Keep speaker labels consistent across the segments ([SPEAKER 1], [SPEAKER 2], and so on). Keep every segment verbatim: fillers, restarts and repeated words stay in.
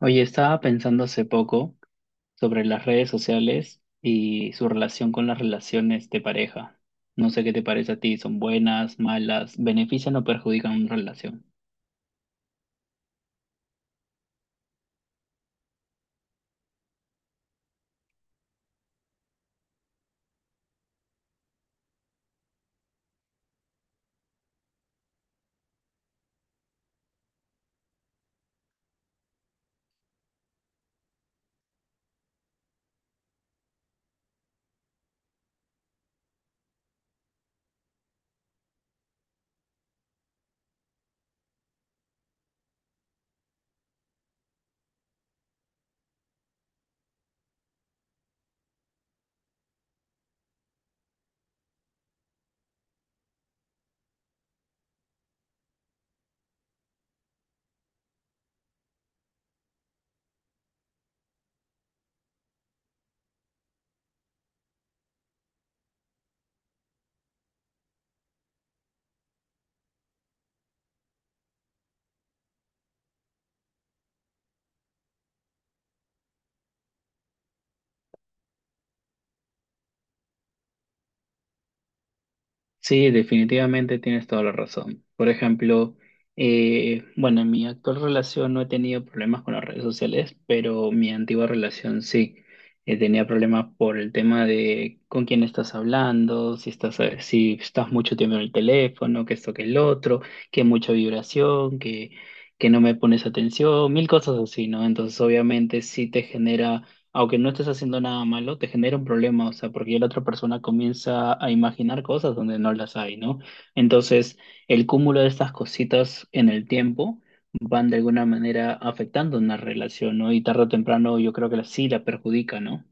[SPEAKER 1] Oye, estaba pensando hace poco sobre las redes sociales y su relación con las relaciones de pareja. No sé qué te parece a ti, ¿son buenas, malas, benefician o perjudican una relación? Sí, definitivamente tienes toda la razón. Por ejemplo, eh, bueno, en mi actual relación no he tenido problemas con las redes sociales, pero mi antigua relación sí. Eh, tenía problemas por el tema de con quién estás hablando, si estás, eh, si estás mucho tiempo en el teléfono, que esto, que el otro, que mucha vibración, que, que no me pones atención, mil cosas así, ¿no? Entonces, obviamente, sí te genera, aunque no estés haciendo nada malo, te genera un problema, o sea, porque ya la otra persona comienza a imaginar cosas donde no las hay, ¿no? Entonces, el cúmulo de estas cositas en el tiempo van de alguna manera afectando una relación, ¿no? Y tarde o temprano yo creo que la- sí la perjudica, ¿no?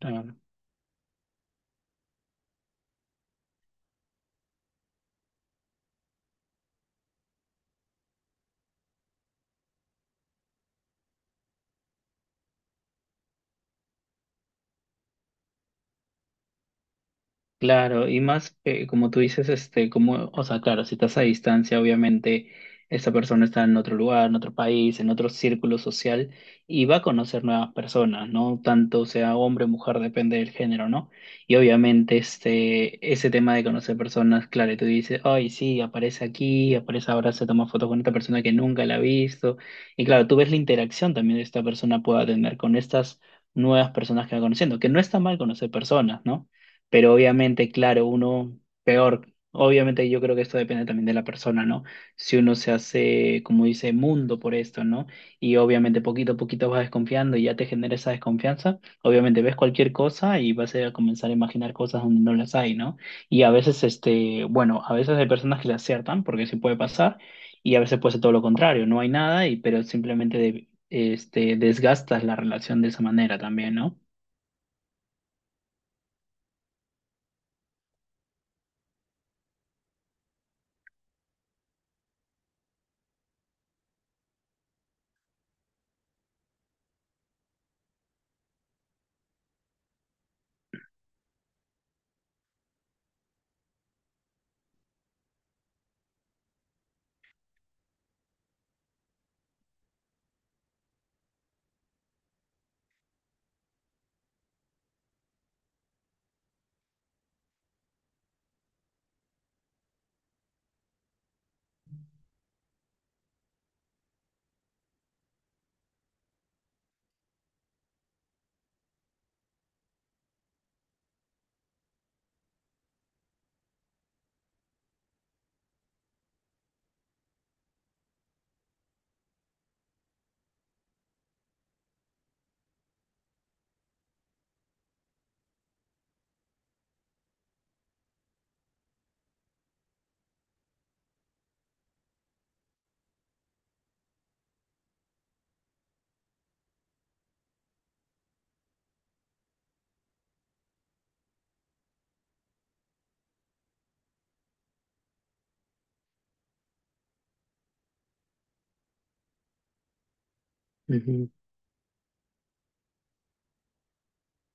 [SPEAKER 1] Ah, claro, y más eh, como tú dices, este, como, o sea, claro, si estás a distancia, obviamente esa persona está en otro lugar, en otro país, en otro círculo social y va a conocer nuevas personas, ¿no? Tanto sea hombre o mujer, depende del género, ¿no? Y obviamente este, ese tema de conocer personas, claro, y tú dices, ay, sí, aparece aquí, aparece ahora, se toma fotos con esta persona que nunca la ha visto. Y claro, tú ves la interacción también que esta persona pueda tener con estas nuevas personas que va conociendo, que no está mal conocer personas, ¿no? Pero obviamente, claro, uno peor. Obviamente yo creo que esto depende también de la persona, ¿no? Si uno se hace, como dice, mundo por esto, ¿no? Y obviamente poquito a poquito vas desconfiando y ya te genera esa desconfianza. Obviamente ves cualquier cosa y vas a comenzar a imaginar cosas donde no las hay, ¿no? Y a veces, este, bueno, a veces hay personas que le aciertan, porque sí puede pasar, y a veces puede ser todo lo contrario, no hay nada, y pero simplemente de- este, desgastas la relación de esa manera también, ¿no? Ujú.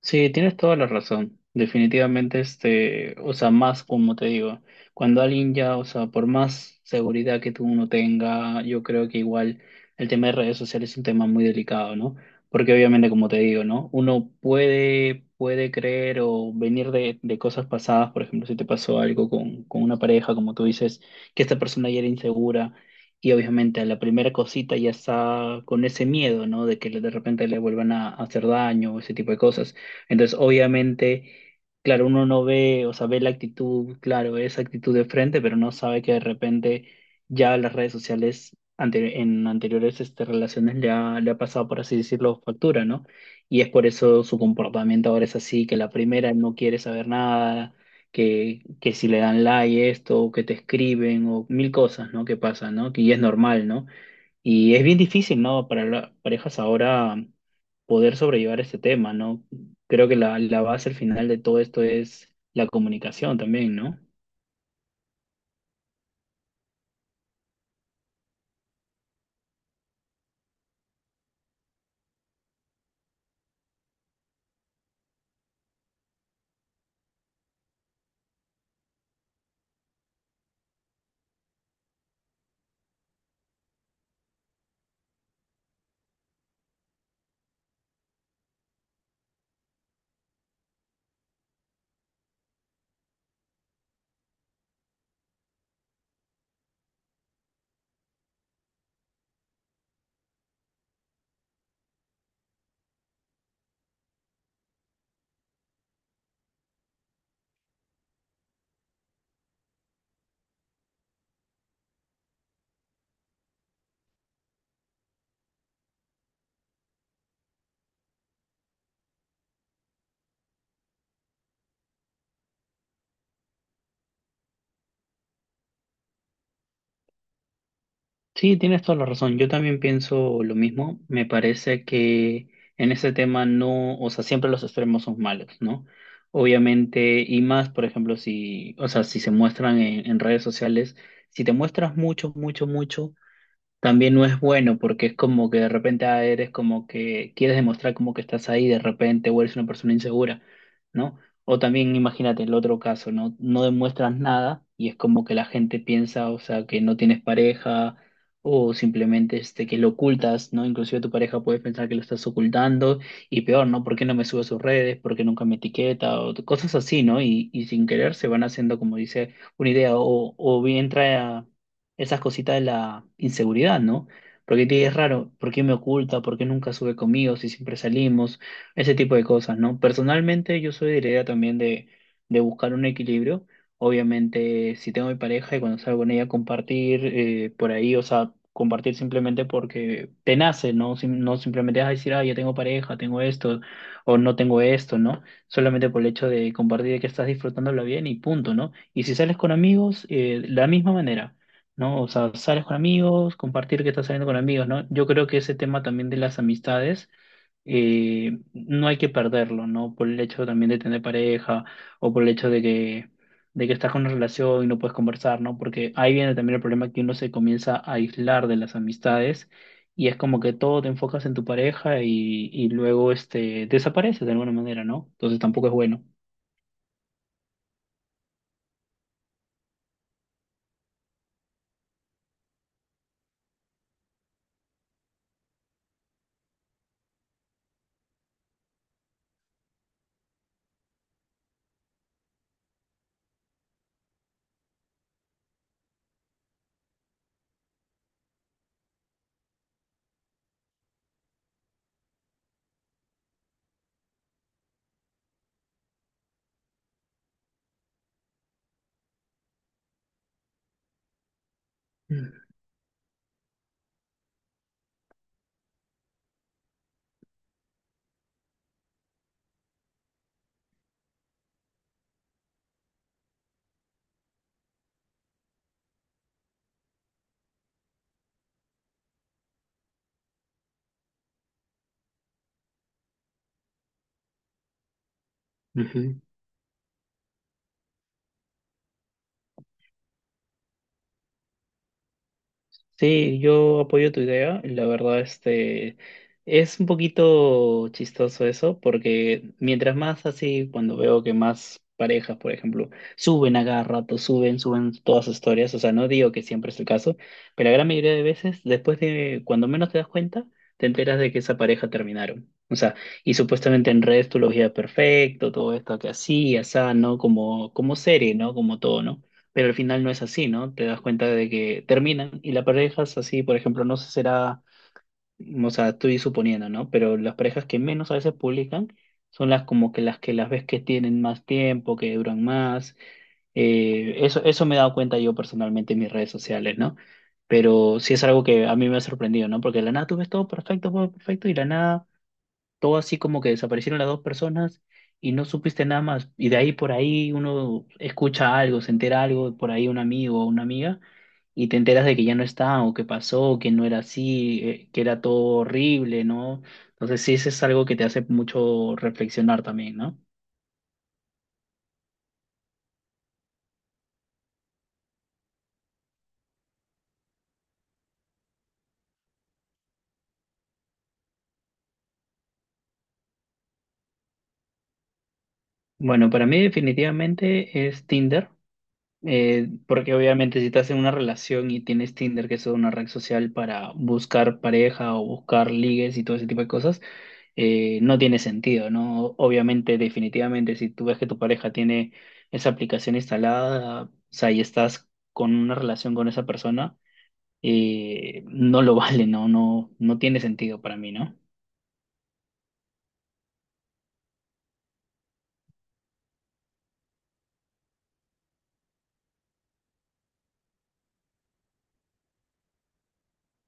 [SPEAKER 1] Sí, tienes toda la razón. Definitivamente, este, o sea, más como te digo, cuando alguien ya, o sea, por más seguridad que tú uno tenga, yo creo que igual el tema de redes sociales es un tema muy delicado, ¿no? Porque obviamente, como te digo, ¿no? Uno puede, puede creer o venir de, de cosas pasadas, por ejemplo, si te pasó algo con, con una pareja, como tú dices, que esta persona ya era insegura. Y obviamente a la primera cosita ya está con ese miedo, ¿no? De que de repente le vuelvan a hacer daño o ese tipo de cosas. Entonces, obviamente, claro, uno no ve, o sea, ve la actitud, claro, esa actitud de frente, pero no sabe que de repente ya las redes sociales ante- en anteriores este, relaciones le ha, le ha pasado, por así decirlo, factura, ¿no? Y es por eso su comportamiento ahora es así, que la primera no quiere saber nada, que, que si le dan like esto, o que te escriben, o mil cosas, ¿no? Que pasan, ¿no? Que y es normal, ¿no? Y es bien difícil, ¿no? Para las parejas ahora poder sobrellevar este tema, ¿no? Creo que la, la base al final de todo esto es la comunicación también, ¿no? Sí, tienes toda la razón. Yo también pienso lo mismo. Me parece que en ese tema no, o sea, siempre los extremos son malos, ¿no? Obviamente, y más, por ejemplo, si, o sea, si se muestran en, en redes sociales, si te muestras mucho, mucho, mucho. También no es bueno porque es como que de repente ah, eres como que quieres demostrar como que estás ahí de repente o eres una persona insegura, ¿no? O también imagínate el otro caso, ¿no? No demuestras nada y es como que la gente piensa, o sea, que no tienes pareja o simplemente este, que lo ocultas, ¿no? Inclusive tu pareja puede pensar que lo estás ocultando y peor, ¿no? ¿Por qué no me sube a sus redes? ¿Por qué nunca me etiqueta? O t- cosas así, ¿no? Y, y sin querer se van haciendo, como dice, una idea o, o bien trae a esas cositas de la inseguridad, ¿no? Porque te es raro, ¿por qué me oculta? ¿Por qué nunca sube conmigo si siempre salimos? Ese tipo de cosas, ¿no? Personalmente yo soy de la idea también de, de buscar un equilibrio. Obviamente, si tengo mi pareja y cuando salgo con ella, compartir eh, por ahí, o sea, compartir simplemente porque te nace, ¿no? Sim- no simplemente vas a decir, ah, ya tengo pareja, tengo esto, o no tengo esto, ¿no? Solamente por el hecho de compartir que estás disfrutándola bien y punto, ¿no? Y si sales con amigos, eh, la misma manera. ¿No? O sea, sales con amigos, compartir que estás saliendo con amigos, ¿no? Yo creo que ese tema también de las amistades eh, no hay que perderlo, ¿no? Por el hecho también de tener pareja o por el hecho de que, de que estás con una relación y no puedes conversar, ¿no? Porque ahí viene también el problema que uno se comienza a aislar de las amistades y es como que todo te enfocas en tu pareja y, y luego este, desapareces de alguna manera, ¿no? Entonces tampoco es bueno. Mm, ujú. Sí, yo apoyo tu idea. La verdad, este, es un poquito chistoso eso, porque mientras más así, cuando veo que más parejas, por ejemplo, suben a cada rato, suben, suben todas sus historias, o sea, no digo que siempre es el caso, pero la gran mayoría de veces, después de, cuando menos te das cuenta, te enteras de que esa pareja terminaron. O sea, y supuestamente en redes tú lo veías perfecto, todo esto que así, asá, ¿no? Como, como serie, ¿no? Como todo, ¿no? Pero al final no es así, ¿no? Te das cuenta de que terminan y las parejas así, por ejemplo, no sé será, o sea, estoy suponiendo, ¿no? Pero las parejas que menos a veces publican son las como que las que las ves que tienen más tiempo, que duran más. Eh, eso, eso me he dado cuenta yo personalmente en mis redes sociales, ¿no? Pero sí es algo que a mí me ha sorprendido, ¿no? Porque de la nada tú ves todo perfecto, todo perfecto, y de la nada todo así como que desaparecieron las dos personas y no supiste nada más. Y de ahí por ahí uno escucha algo, se entera algo, por ahí un amigo o una amiga, y te enteras de que ya no está, o que pasó, que no era así, eh, que era todo horrible, ¿no? Entonces sí, eso es algo que te hace mucho reflexionar también, ¿no? Bueno, para mí definitivamente es Tinder, eh, porque obviamente si estás en una relación y tienes Tinder, que es una red social para buscar pareja o buscar ligues y todo ese tipo de cosas, eh, no tiene sentido, ¿no? Obviamente, definitivamente, si tú ves que tu pareja tiene esa aplicación instalada, o sea, y estás con una relación con esa persona, eh, no lo vale, ¿no? No, no tiene sentido para mí, ¿no?